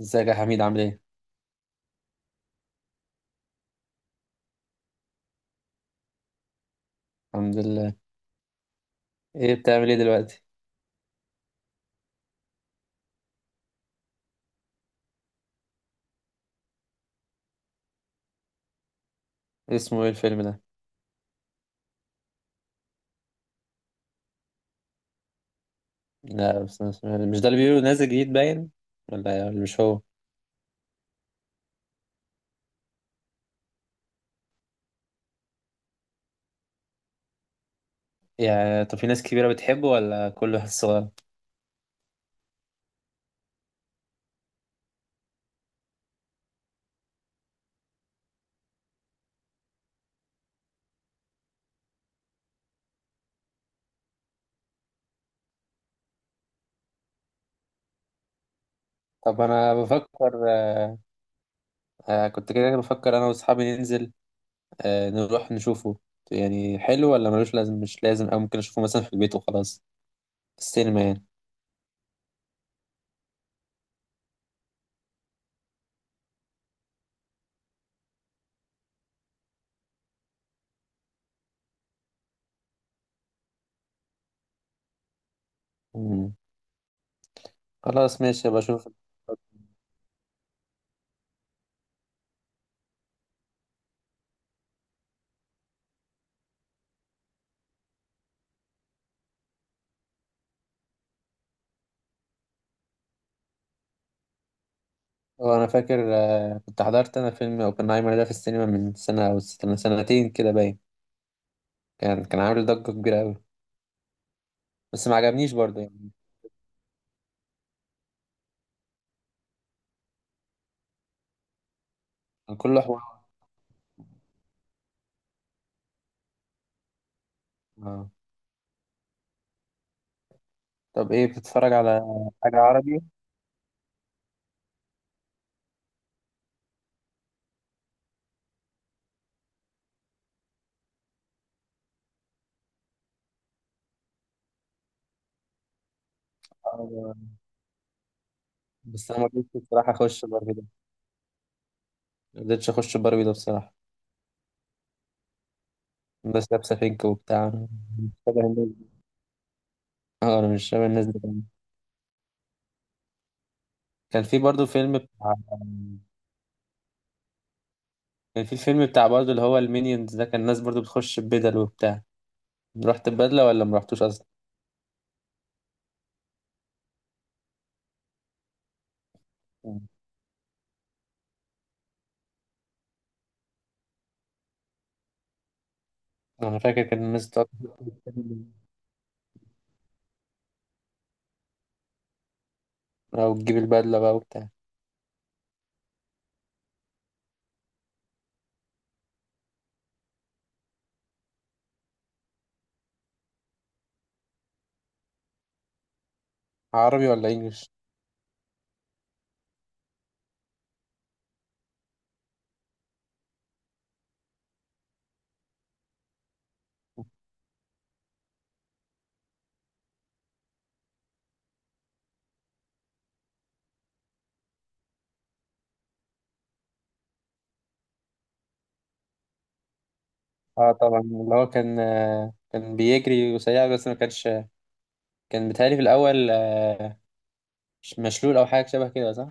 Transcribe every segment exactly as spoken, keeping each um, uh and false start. ازيك يا حميد عامل ايه؟ الحمد لله. ايه بتعمل ايه دلوقتي؟ ايه اسمه ايه الفيلم ده؟ لا، بس أنا سمعت- مش ده اللي بيقولوا نازل جديد باين؟ ولا ولا مش هو؟ يعني طب في ناس كبيرة بتحبه ولا كله ناس صغيرة؟ طب انا بفكر آه آه، كنت كده بفكر انا واصحابي ننزل آه نروح نشوفه. يعني حلو ولا ملوش لازم، مش لازم، او ممكن اشوفه مثلا في البيت وخلاص، في السينما يعني. مم. خلاص ماشي ابقى اشوف. هو انا فاكر، آه، كنت حضرت انا فيلم اوبنهايمر ده في السينما من سنة او سنة- سنتين كده باين. كان كان عامل ضجة كبيرة أوي، بس ما عجبنيش برضه يعني، كان كله حوار. آه. طب إيه بتتفرج على حاجة عربي؟ آه، بس أنا ما قدرتش بصراحة أخش باربي ده، ما قدرتش أخش باربي ده بصراحة. بس لابسة فينك وبتاع، أنا مش شبه الناس دي. أه أنا مش شبه الناس دي كمان. كان في برضه فيلم بتاع كان في فيلم بتاع برضه اللي هو المينيونز ده، كان الناس برضه بتخش ببدل وبتاع. رحت ببدلة ولا ما رحتوش أصلا؟ أنا فاكر كان الناس بتقعد أو تجيب البدلة بقى وبتاع. عربي ولا إنجلش؟ اه طبعا، اللي هو كان آه، كان بيجري وسريع، بس ما كانش، كان بيتهيألي في الأول آه، مش مشلول أو حاجة شبه كده صح؟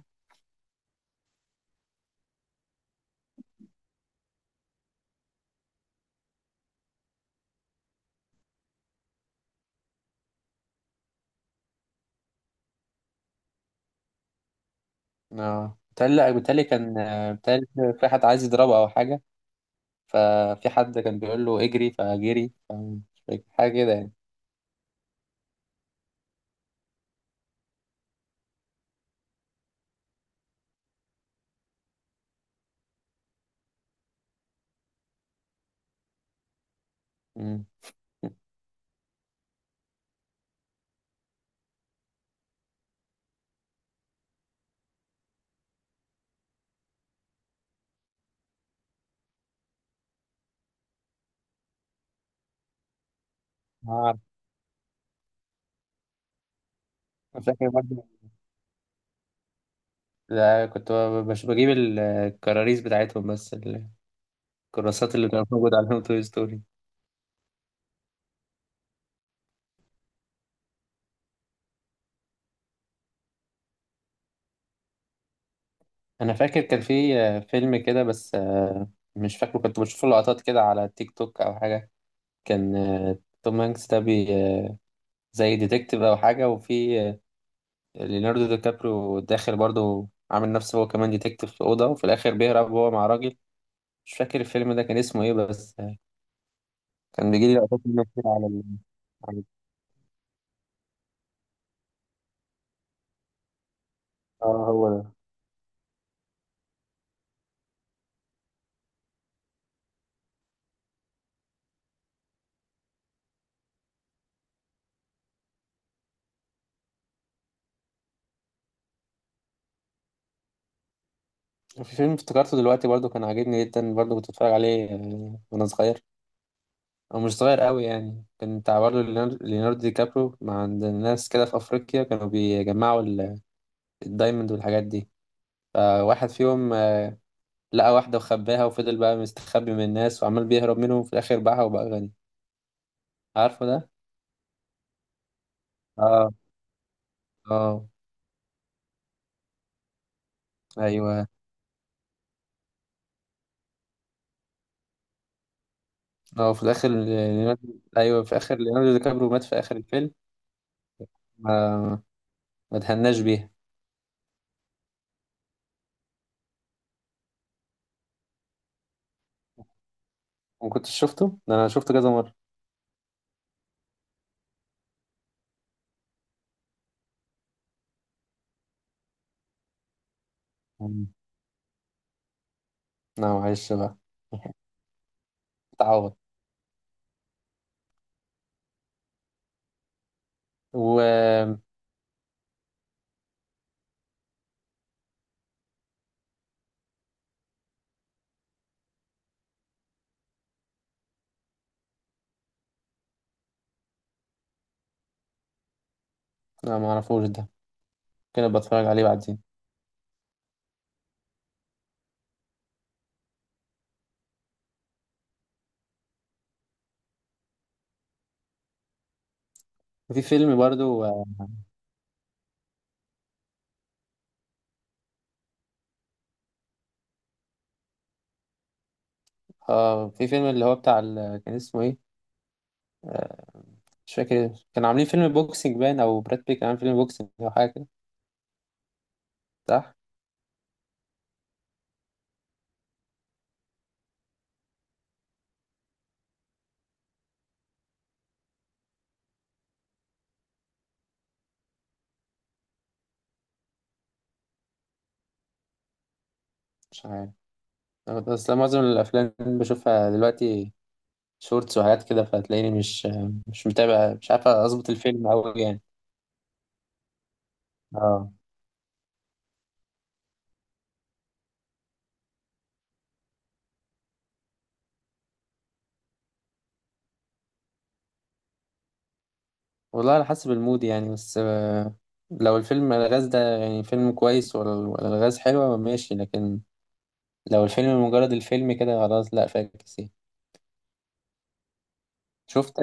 اه بيتهيألي لأ، بيتهيألي كان آه، بيتهيألي في حد عايز يضربه أو حاجة، ففي حد كان بيقول له اجري فجري ف- مش فاكر، حاجة كده يعني. مم. ما أعرف. أنا فاكر برضه، لا كنت ب- بش- بجيب ال- الكراريس بتاعتهم بس، الكراسات اللي كانت موجودة عليهم توي ستوري. أنا فاكر كان في آه، فيلم كده بس آه، مش فاكره، كنت بشوف له لقطات كده على تيك توك أو حاجة. كان آه، توم هانكس ده بي آه، زي ديتكتيف او حاجه، وفي آه، ليوناردو دي كابريو داخل برضه عامل نفسه هو كمان ديتكتيف في اوضه، وفي الاخر بيهرب هو مع راجل. مش فاكر الفيلم ده كان اسمه ايه بس آه، كان بيجي لي لقطات منه كتير على ال... على- اه هو ده. في فيلم افتكرته دلوقتي برضه كان عاجبني جدا برضه، كنت بتفرج عليه آه، وانا صغير، او مش صغير قوي يعني. كان بتاع برضه ليونار- ليوناردو دي كابريو، مع عند الناس كده في افريقيا كانوا بيجمعوا ال- الدايموند والحاجات دي. فواحد فيهم لقى واحدة وخباها، وفضل بقى مستخبي من الناس وعمال بيهرب منهم، في الآخر باعها وبقى غني. عارفه ده؟ اه. اه. ايوه. اه في الآخر ليوناردو، ايوه في آخر ليوناردو دي كابريو مات في آخر الفيلم. ما ما اتهناش بيها. ما كنتش شفته؟ ده أنا شفته كذا مرة. مم. لا معلش بقى. اتعوض. و لا ما اعرفوش ده، كده بتفرج عليه بعدين. وفي فيلم برضو، اه في فيلم اللي هو بتاع ال... كان اسمه ايه آه، مش فاكر، كانوا عاملين فيلم بوكسينج باين، او براد بيت كان عامل فيلم بوكسينج او حاجه كده صح. مش عارف، بس أنا معظم الافلام بشوفها دلوقتي شورتس وحاجات كده، فتلاقيني مش مش متابع، مش عارف اظبط الفيلم أوي يعني. اه والله على حسب المود يعني، بس آه، لو الفيلم الغاز ده يعني فيلم كويس، ولا ولا الغاز حلوة ماشي، لكن لو الفيلم مجرد الفيلم كده خلاص لا فاكس يعني. شفت،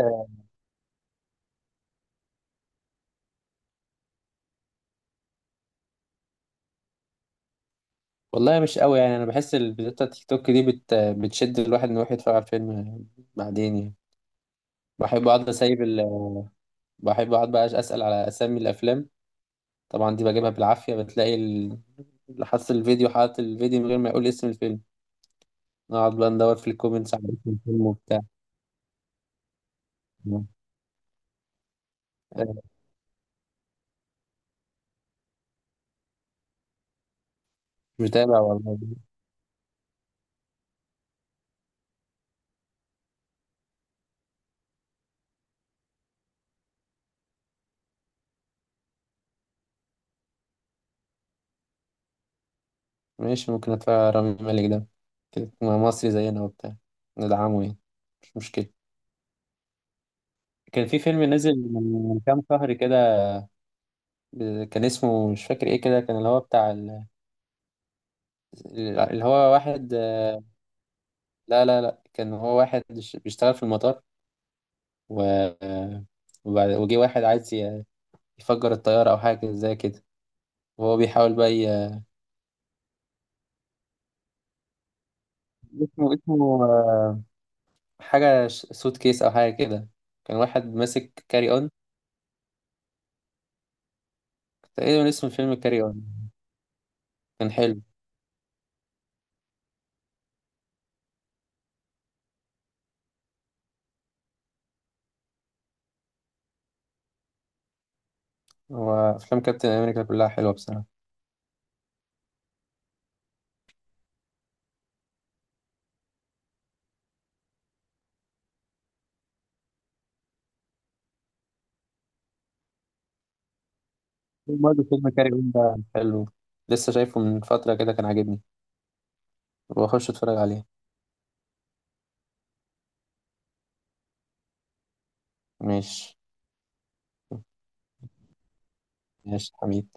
والله مش قوي يعني، انا بحس الفيديوهات بتاع تيك توك دي بت... بتشد الواحد انه يروح يتفرج على الفيلم بعدين يعني. بحب اقعد اسيب ال... بحب اقعد بقى اسال على اسامي الافلام، طبعا دي بجيبها بالعافية. بتلاقي ال- اللي حاطط الفيديو، حاطط الفيديو من غير ما يقول اسم الفيلم، نقعد بقى ندور في الكومنتس على اسم الفيلم وبتاع. آه، مش متابع والله. ماشي، ممكن اتفرج على رامي مالك ده، كده مصري زينا وبتاع، ندعمه يعني، مش مشكلة. كان في فيلم نزل من كام شهر كده، ب- كان اسمه مش فاكر ايه كده، كان اللي هو بتاع ال- اللي هو واحد. لا لا لا، كان هو واحد بيش- بيشتغل في المطار، و وبعد- وجه واحد عايز ي- يفجر الطيارة أو حاجة زي كده، وهو بيحاول بقى ي... اسمه اسمه آه، حاجة سوت كيس أو حاجة كده، كان واحد ماسك كاري أون. تقريبا اسم الفيلم كاري أون، كان حلو. هو أفلام كابتن أمريكا كلها حلوة بصراحة. برضه فيلم كاري أون ده حلو، لسه شايفه من فترة كده كان عاجبني، وأخش أتفرج عليه. ماشي. ماشي حبيبي.